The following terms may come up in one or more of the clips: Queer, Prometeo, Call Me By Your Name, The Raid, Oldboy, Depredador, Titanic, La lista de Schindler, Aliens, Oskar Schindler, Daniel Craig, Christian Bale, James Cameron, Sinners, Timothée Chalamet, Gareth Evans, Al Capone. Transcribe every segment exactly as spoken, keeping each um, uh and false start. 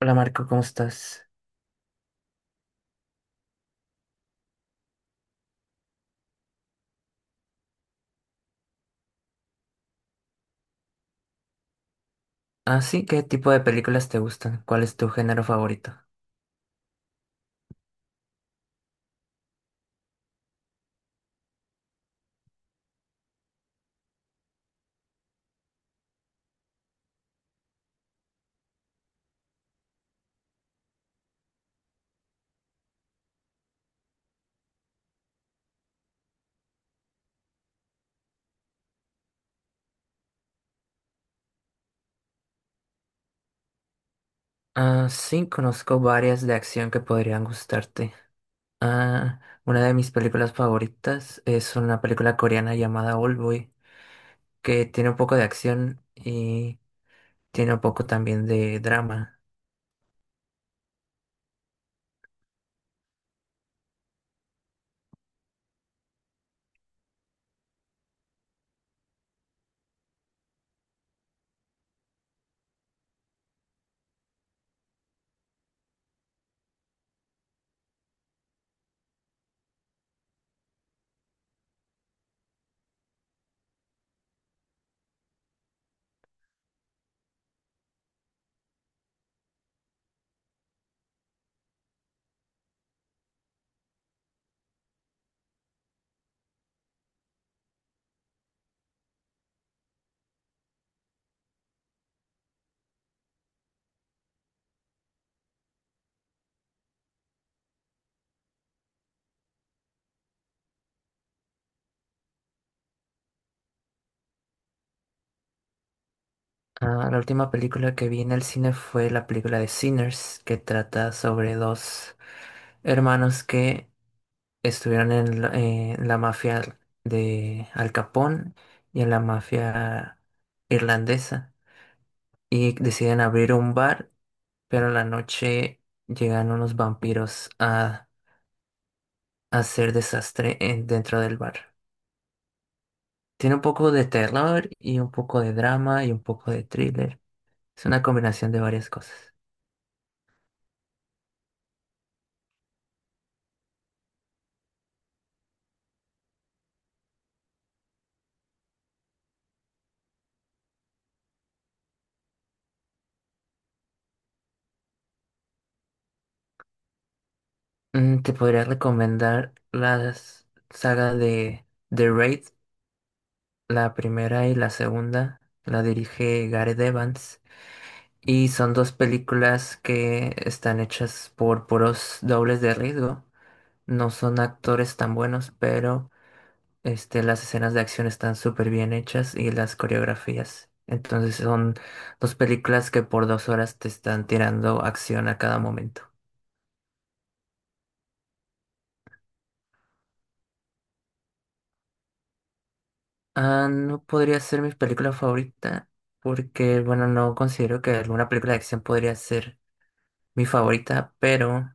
Hola Marco, ¿cómo estás? Ah, sí, ¿qué tipo de películas te gustan? ¿Cuál es tu género favorito? Ah, sí, conozco varias de acción que podrían gustarte. Ah, una de mis películas favoritas es una película coreana llamada Oldboy que tiene un poco de acción y tiene un poco también de drama. Ah, la última película que vi en el cine fue la película de Sinners, que trata sobre dos hermanos que estuvieron en la, eh, en la mafia de Al Capone y en la mafia irlandesa y deciden abrir un bar, pero en la noche llegan unos vampiros a, a hacer desastre en- dentro del bar. Tiene un poco de terror y un poco de drama y un poco de thriller. Es una combinación de varias cosas. Mm, Te podría recomendar la saga de The Raid, la primera y la segunda. La dirige Gareth Evans. Y son dos películas que están hechas por puros dobles de riesgo. No son actores tan buenos, pero este, las escenas de acción están súper bien hechas y las coreografías. Entonces son dos películas que por dos horas te están tirando acción a cada momento. Ah, no podría ser mi película favorita porque, bueno, no considero que alguna película de acción podría ser mi favorita, pero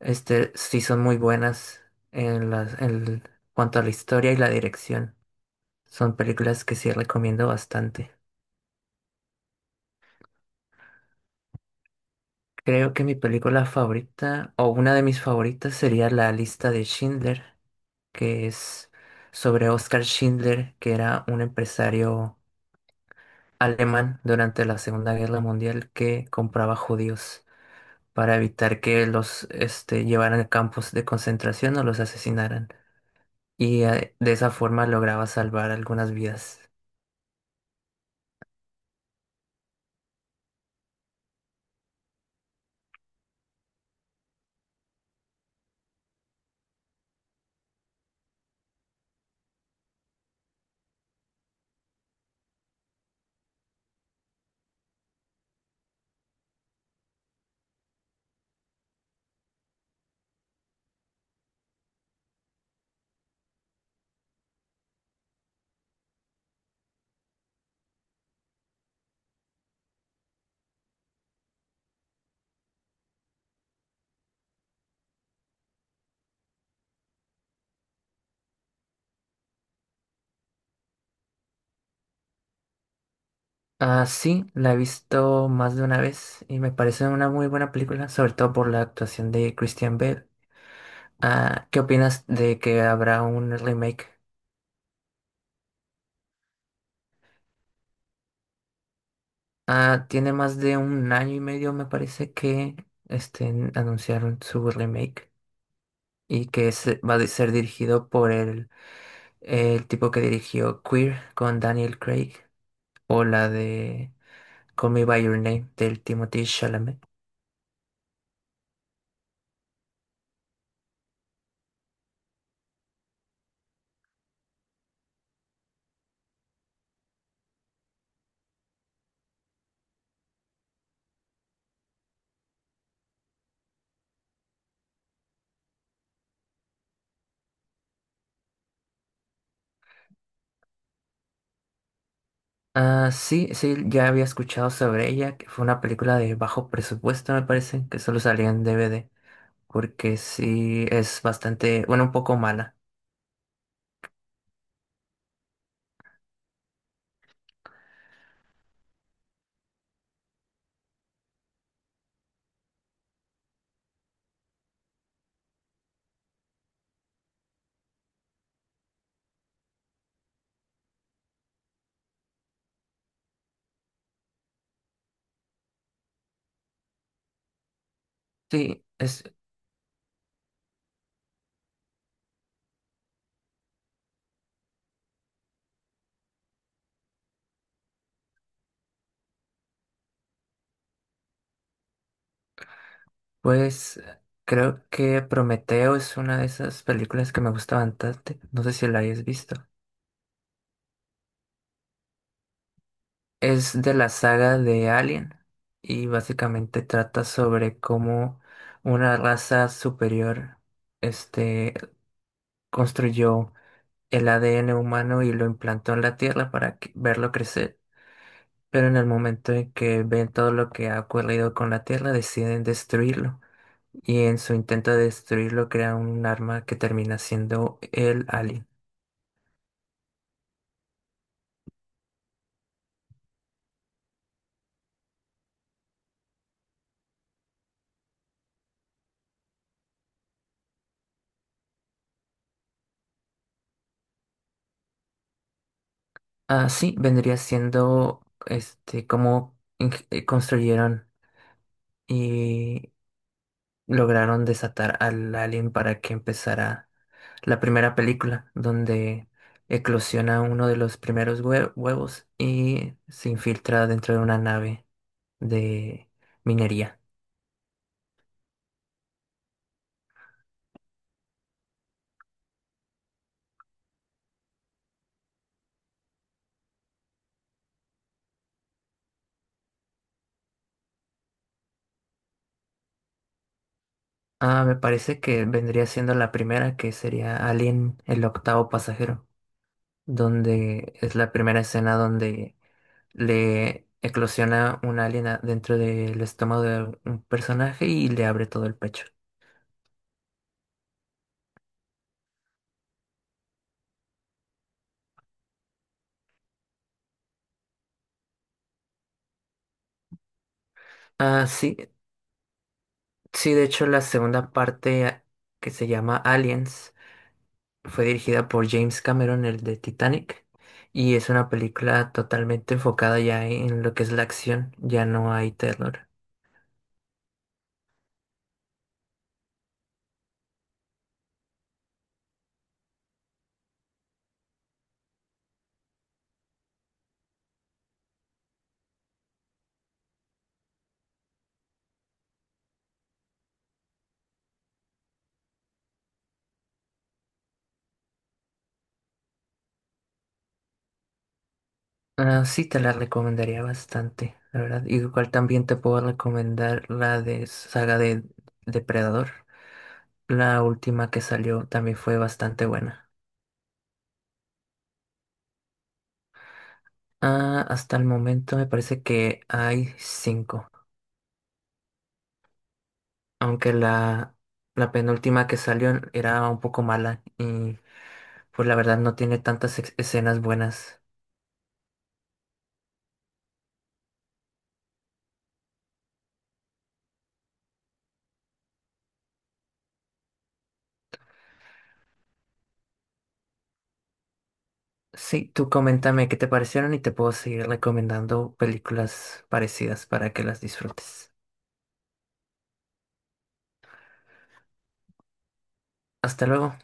Este, sí son muy buenas en las, en cuanto a la historia y la dirección. Son películas que sí recomiendo bastante. Creo que mi película favorita, o una de mis favoritas, sería La lista de Schindler, que es sobre Oskar Schindler, que era un empresario alemán durante la Segunda Guerra Mundial que compraba judíos para evitar que los este, llevaran a campos de concentración o los asesinaran. Y eh, de esa forma lograba salvar algunas vidas. Ah, sí, la he visto más de una vez y me parece una muy buena película, sobre todo por la actuación de Christian Bale. Ah, ¿qué opinas de que habrá un remake? Ah, tiene más de un año y medio, me parece, que este, anunciaron su remake y que se- va a ser dirigido por el, el tipo que dirigió Queer con Daniel Craig o la de Call Me By Your Name del Timothée Chalamet. Ah, sí, sí, ya había escuchado sobre ella, que fue una película de bajo presupuesto, me parece, que solo salía en D V D, porque sí es bastante, bueno, un poco mala. Sí, es, pues, creo que Prometeo es una de esas películas que me gusta bastante, no sé si la hayas visto. Es de la saga de Alien y básicamente trata sobre cómo una raza superior, este, construyó el A D N humano y lo implantó en la Tierra para que- verlo crecer. Pero en el momento en que ven todo lo que ha ocurrido con la Tierra, deciden destruirlo. Y en su intento de destruirlo, crean un arma que termina siendo el alien. Ah, sí, vendría siendo este cómo ing- eh, construyeron y lograron desatar al alien para que empezara la primera película, donde eclosiona uno de los primeros hue- huevos y se infiltra dentro de una nave de minería. Ah, me parece que vendría siendo la primera, que sería Alien, el octavo pasajero, donde es la primera escena donde le eclosiona un alien a- dentro del estómago de un personaje y le abre todo el pecho. Ah, sí, sí, de hecho la segunda parte ah, que se llama Aliens. Fue dirigida por James Cameron, el de Titanic, y es una película totalmente enfocada ya en lo que es la acción, ya no hay terror. Ah, sí, te la recomendaría bastante, la verdad. Igual también te puedo recomendar la de saga de Depredador. La última que salió también fue bastante buena. Ah, hasta el momento me parece que hay cinco, aunque la, la penúltima que salió era un poco mala y pues la verdad no tiene tantas ex- escenas buenas. Sí, tú coméntame qué te parecieron y te puedo seguir recomendando películas parecidas para que las disfrutes. Hasta luego.